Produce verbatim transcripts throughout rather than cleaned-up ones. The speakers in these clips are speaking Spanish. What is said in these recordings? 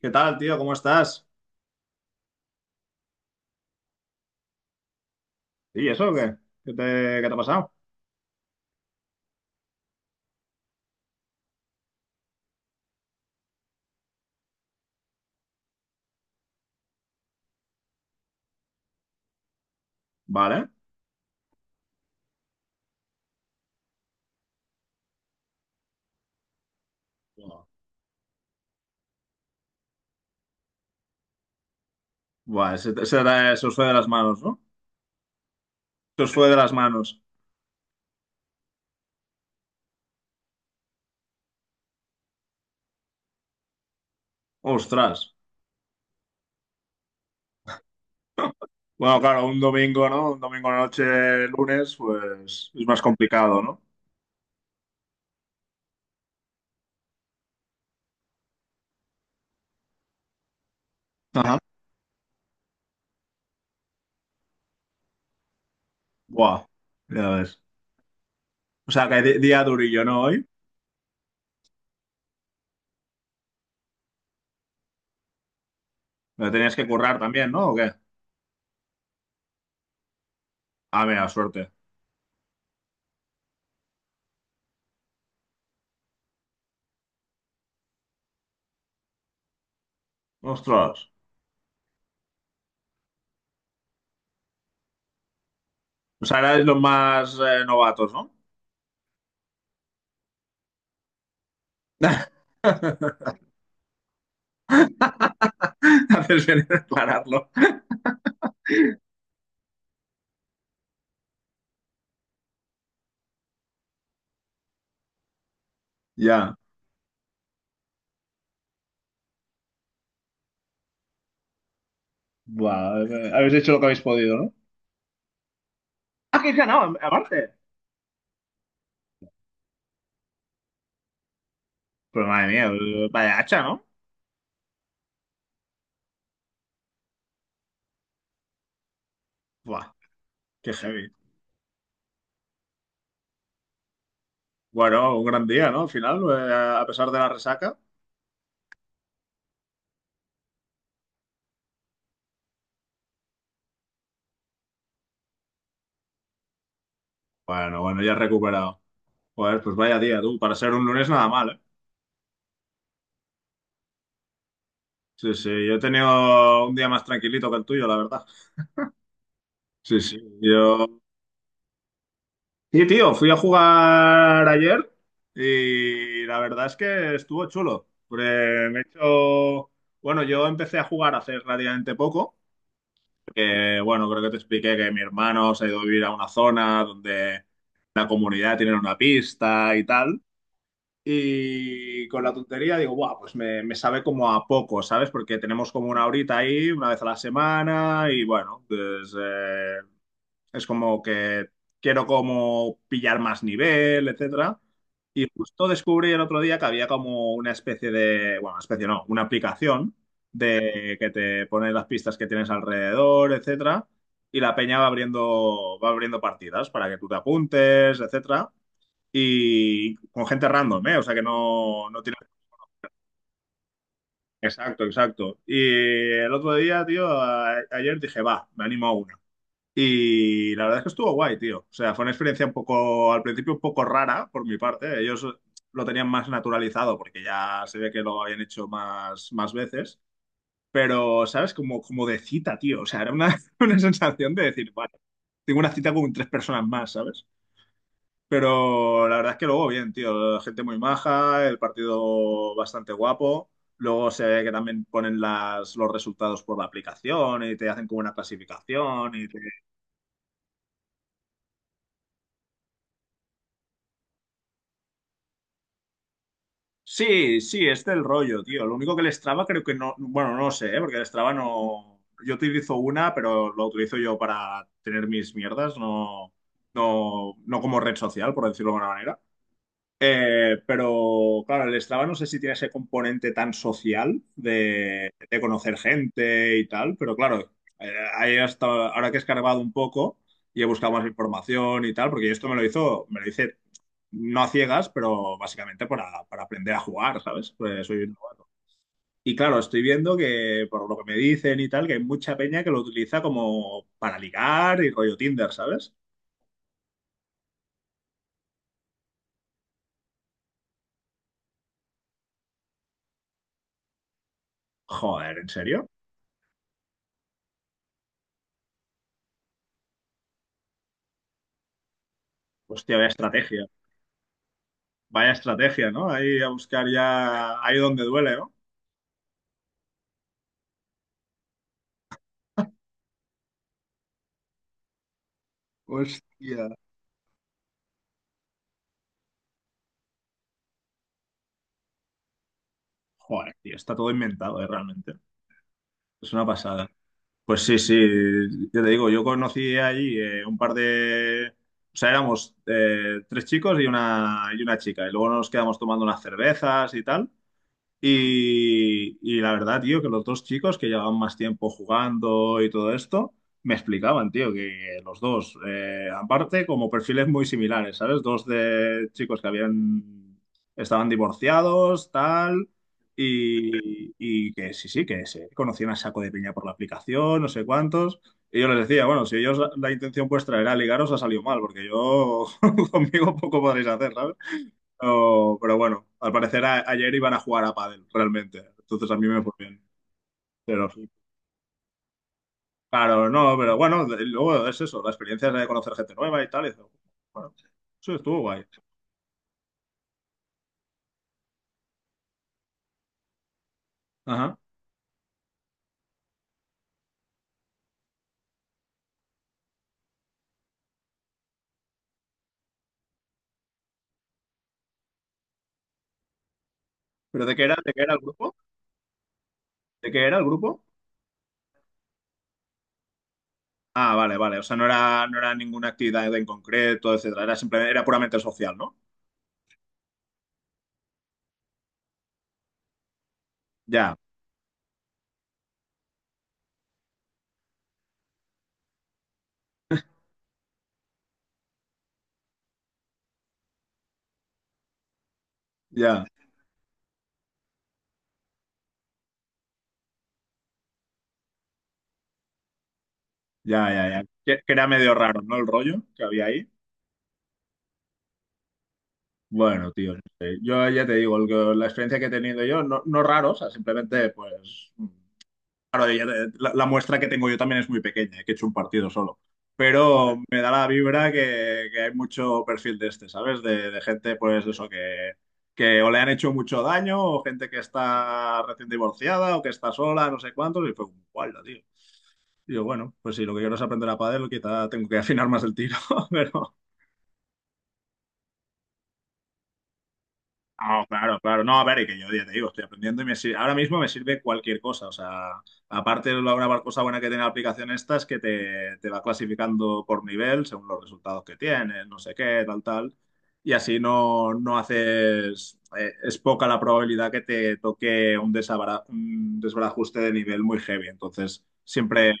¿Qué tal, tío? ¿Cómo estás? ¿Y eso qué? ¿Qué te, ¿Qué te ha pasado? Vale. Buah, Buah, se, te- se te- Se os fue de las manos, ¿no? Se os fue de las manos. Ostras. Bueno, claro, un domingo, ¿no? Un domingo a la noche, lunes, pues es más complicado, ¿no? Ajá. Buah, ya ves. O sea, que di- día durillo, ¿no? Hoy. Pero tenías que currar también, ¿no? ¿O qué? Ah, mira, suerte. Ostras. O sea, erais los más eh, novatos, ¿no? Haces bien en aclararlo. Ya. Buah, eh, habéis hecho lo que habéis podido, ¿no? Ah, que he ganado, aparte. Pero madre mía, eh, vaya hacha, ¿no? Buah, qué heavy. Bueno, un gran día, ¿no? Al final, eh, a pesar de la resaca. Bueno, bueno, ya he recuperado. Joder, pues vaya día, tú. Para ser un lunes nada mal, ¿eh? Sí, sí, yo he tenido un día más tranquilito que el tuyo, la verdad. Sí, sí, yo... Sí, tío, fui a jugar ayer y la verdad es que estuvo chulo. Porque me he hecho... Bueno, yo empecé a jugar hace relativamente poco. Que, bueno, creo que te expliqué que mi hermano se ha ido a vivir a una zona donde la comunidad tiene una pista y tal. Y con la tontería digo, guau, pues me, me sabe como a poco, ¿sabes? Porque tenemos como una horita ahí, una vez a la semana, y bueno, pues eh, es como que quiero como pillar más nivel, etcétera. Y justo descubrí el otro día que había como una especie de, bueno, especie no, una aplicación de que te pone las pistas que tienes alrededor, etcétera, y la peña va abriendo, va abriendo partidas para que tú te apuntes, etcétera, y con gente random, ¿eh? O sea que no, no tiene... Exacto, exacto. Y el otro día, tío, a- ayer dije, va, me animo a una. Y la verdad es que estuvo guay, tío. O sea, fue una experiencia un poco, al principio un poco rara por mi parte. Ellos lo tenían más naturalizado porque ya se ve que lo habían hecho más, más veces. Pero, ¿sabes? Como, como de cita, tío. O sea, era una, una sensación de decir, vale, tengo una cita con tres personas más, ¿sabes? Pero la verdad es que luego bien, tío. Gente muy maja, el partido bastante guapo. Luego se ve que también ponen las, los resultados por la aplicación y te hacen como una clasificación y te... Sí, sí, es del rollo, tío. Lo único que el Strava creo que no, bueno, no lo sé, ¿eh? Porque el Strava no, yo utilizo una, pero lo utilizo yo para tener mis mierdas, no, no, no como red social, por decirlo de alguna manera. Eh, pero claro, el Strava no sé si tiene ese componente tan social de, de conocer gente y tal, pero claro, eh, ahí hasta ahora que he escarbado un poco y he buscado más información y tal, porque esto me lo hizo, me lo hice no a ciegas, pero básicamente para, para aprender a jugar, ¿sabes? Pues soy un novato. Y claro, estoy viendo que por lo que me dicen y tal, que hay mucha peña que lo utiliza como para ligar y rollo Tinder, ¿sabes? Joder, ¿en serio? Hostia, vaya estrategia. Vaya estrategia, ¿no? Ahí a buscar ya ahí donde duele, ¿no? Hostia. Joder, tío, está todo inventado, eh, realmente. Es una pasada. Pues sí, sí, yo te digo, yo conocí allí eh, un par de... O sea, éramos eh, tres chicos y una, y una chica. Y luego nos quedamos tomando unas cervezas y tal. Y, y la verdad, tío, que los dos chicos que llevaban más tiempo jugando y todo esto, me explicaban, tío, que los dos, eh, aparte, como perfiles muy similares, ¿sabes? Dos de chicos que habían, estaban divorciados, tal, y, y que sí, sí, que se conocían a saco de piña por la aplicación, no sé cuántos. Y yo les decía, bueno, si ellos la intención vuestra era ligaros, ha salido mal, porque yo conmigo poco podréis hacer, ¿sabes? Pero, pero bueno, al parecer a- ayer iban a jugar a pádel, realmente. Entonces a mí me fue bien. Pero sí. Claro, no, pero bueno, de- luego es eso, la experiencia de conocer gente nueva y tal. Y eso, bueno, eso estuvo guay. Ajá. ¿Pero de qué era, de qué era el grupo? ¿De qué era el grupo? Ah, vale, vale. O sea, no era, no era ninguna actividad en concreto, etcétera. Era simplemente, era puramente social, ¿no? Ya, ya, ya, ya, ya. Que, que era medio raro, ¿no? El rollo que había ahí. Bueno, tío, no sé. Yo ya te digo, el que- la experiencia que he tenido yo, no, no raro, o sea, simplemente, pues, claro, ya te- la, la muestra que tengo yo también es muy pequeña, que he hecho un partido solo, pero me da la vibra que, que hay mucho perfil de este, ¿sabes? De, de gente, pues, eso, que, que o le han hecho mucho daño, o gente que está recién divorciada, o que está sola, no sé cuántos, y fue un tío. Digo, bueno, pues sí, lo que quiero es aprender a pádel, quizá tengo que afinar más el tiro, pero... Ah, claro, claro. No, a ver, y que yo ya te digo, estoy aprendiendo y me sir- ahora mismo me sirve cualquier cosa. O sea, aparte de la cosa buena que tiene la aplicación esta es que te, te va clasificando por nivel según los resultados que tienes, no sé qué, tal, tal. Y así no, no haces, eh, es poca la probabilidad que te toque un desabara- un desbarajuste de nivel muy heavy. Entonces, siempre...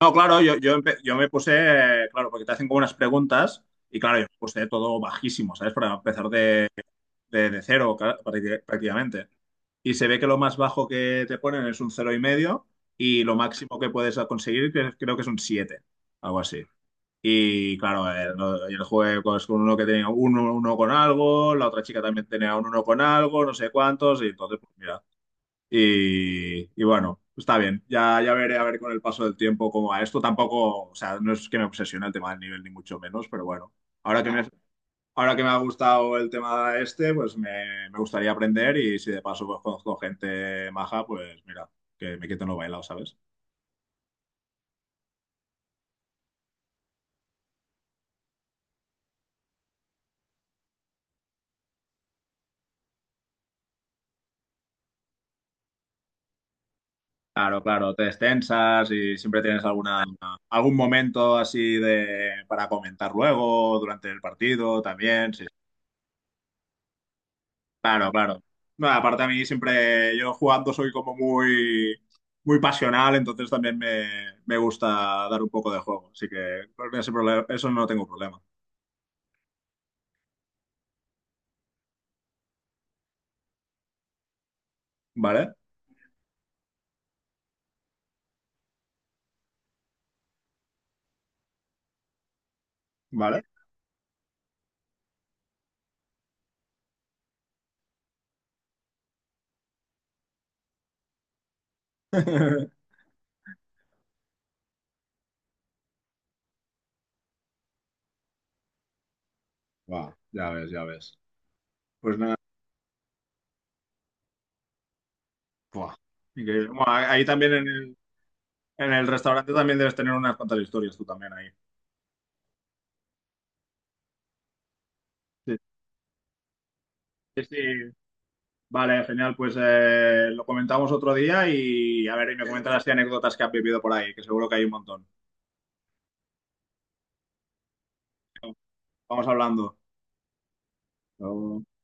No, claro, yo, yo, empe- yo me puse, eh, claro, porque te hacen como unas preguntas y claro, yo me puse todo bajísimo, ¿sabes? Para empezar de de, de cero ca- prácti- prácticamente. Y se ve que lo más bajo que te ponen es un cero y medio y lo máximo que puedes conseguir que- creo que es un siete algo así. Y claro, el, el juego es con uno que tenía un uno con algo, la otra chica también tenía un uno con algo, no sé cuántos, y entonces, pues mira. Y, y bueno, está bien, ya, ya veré a ver con el paso del tiempo cómo va esto. Tampoco, o sea, no es que me obsesione el tema del nivel, ni mucho menos, pero bueno, ahora que me has ahora que me ha gustado el tema este, pues me, me gustaría aprender y si de paso pues conozco gente maja, pues mira, que me quiten lo bailado, ¿sabes? Claro, claro, te extensas y siempre tienes alguna, algún momento así de, para comentar luego, durante el partido también, sí. Claro, claro. No, aparte a mí siempre, yo jugando soy como muy, muy pasional, entonces también me, me gusta dar un poco de juego, así que con ese problema, eso no tengo problema, ¿vale? ¿Vale? Buah, ya ves, ya ves. Pues nada, buah, increíble. Bueno, ahí ahí también en el, en el restaurante también debes tener unas cuantas historias tú también ahí. Sí, sí, sí. Vale, genial. Pues eh, lo comentamos otro día y a ver, y me comentas las anécdotas que has vivido por ahí, que seguro que hay un montón. Vamos hablando. Chao.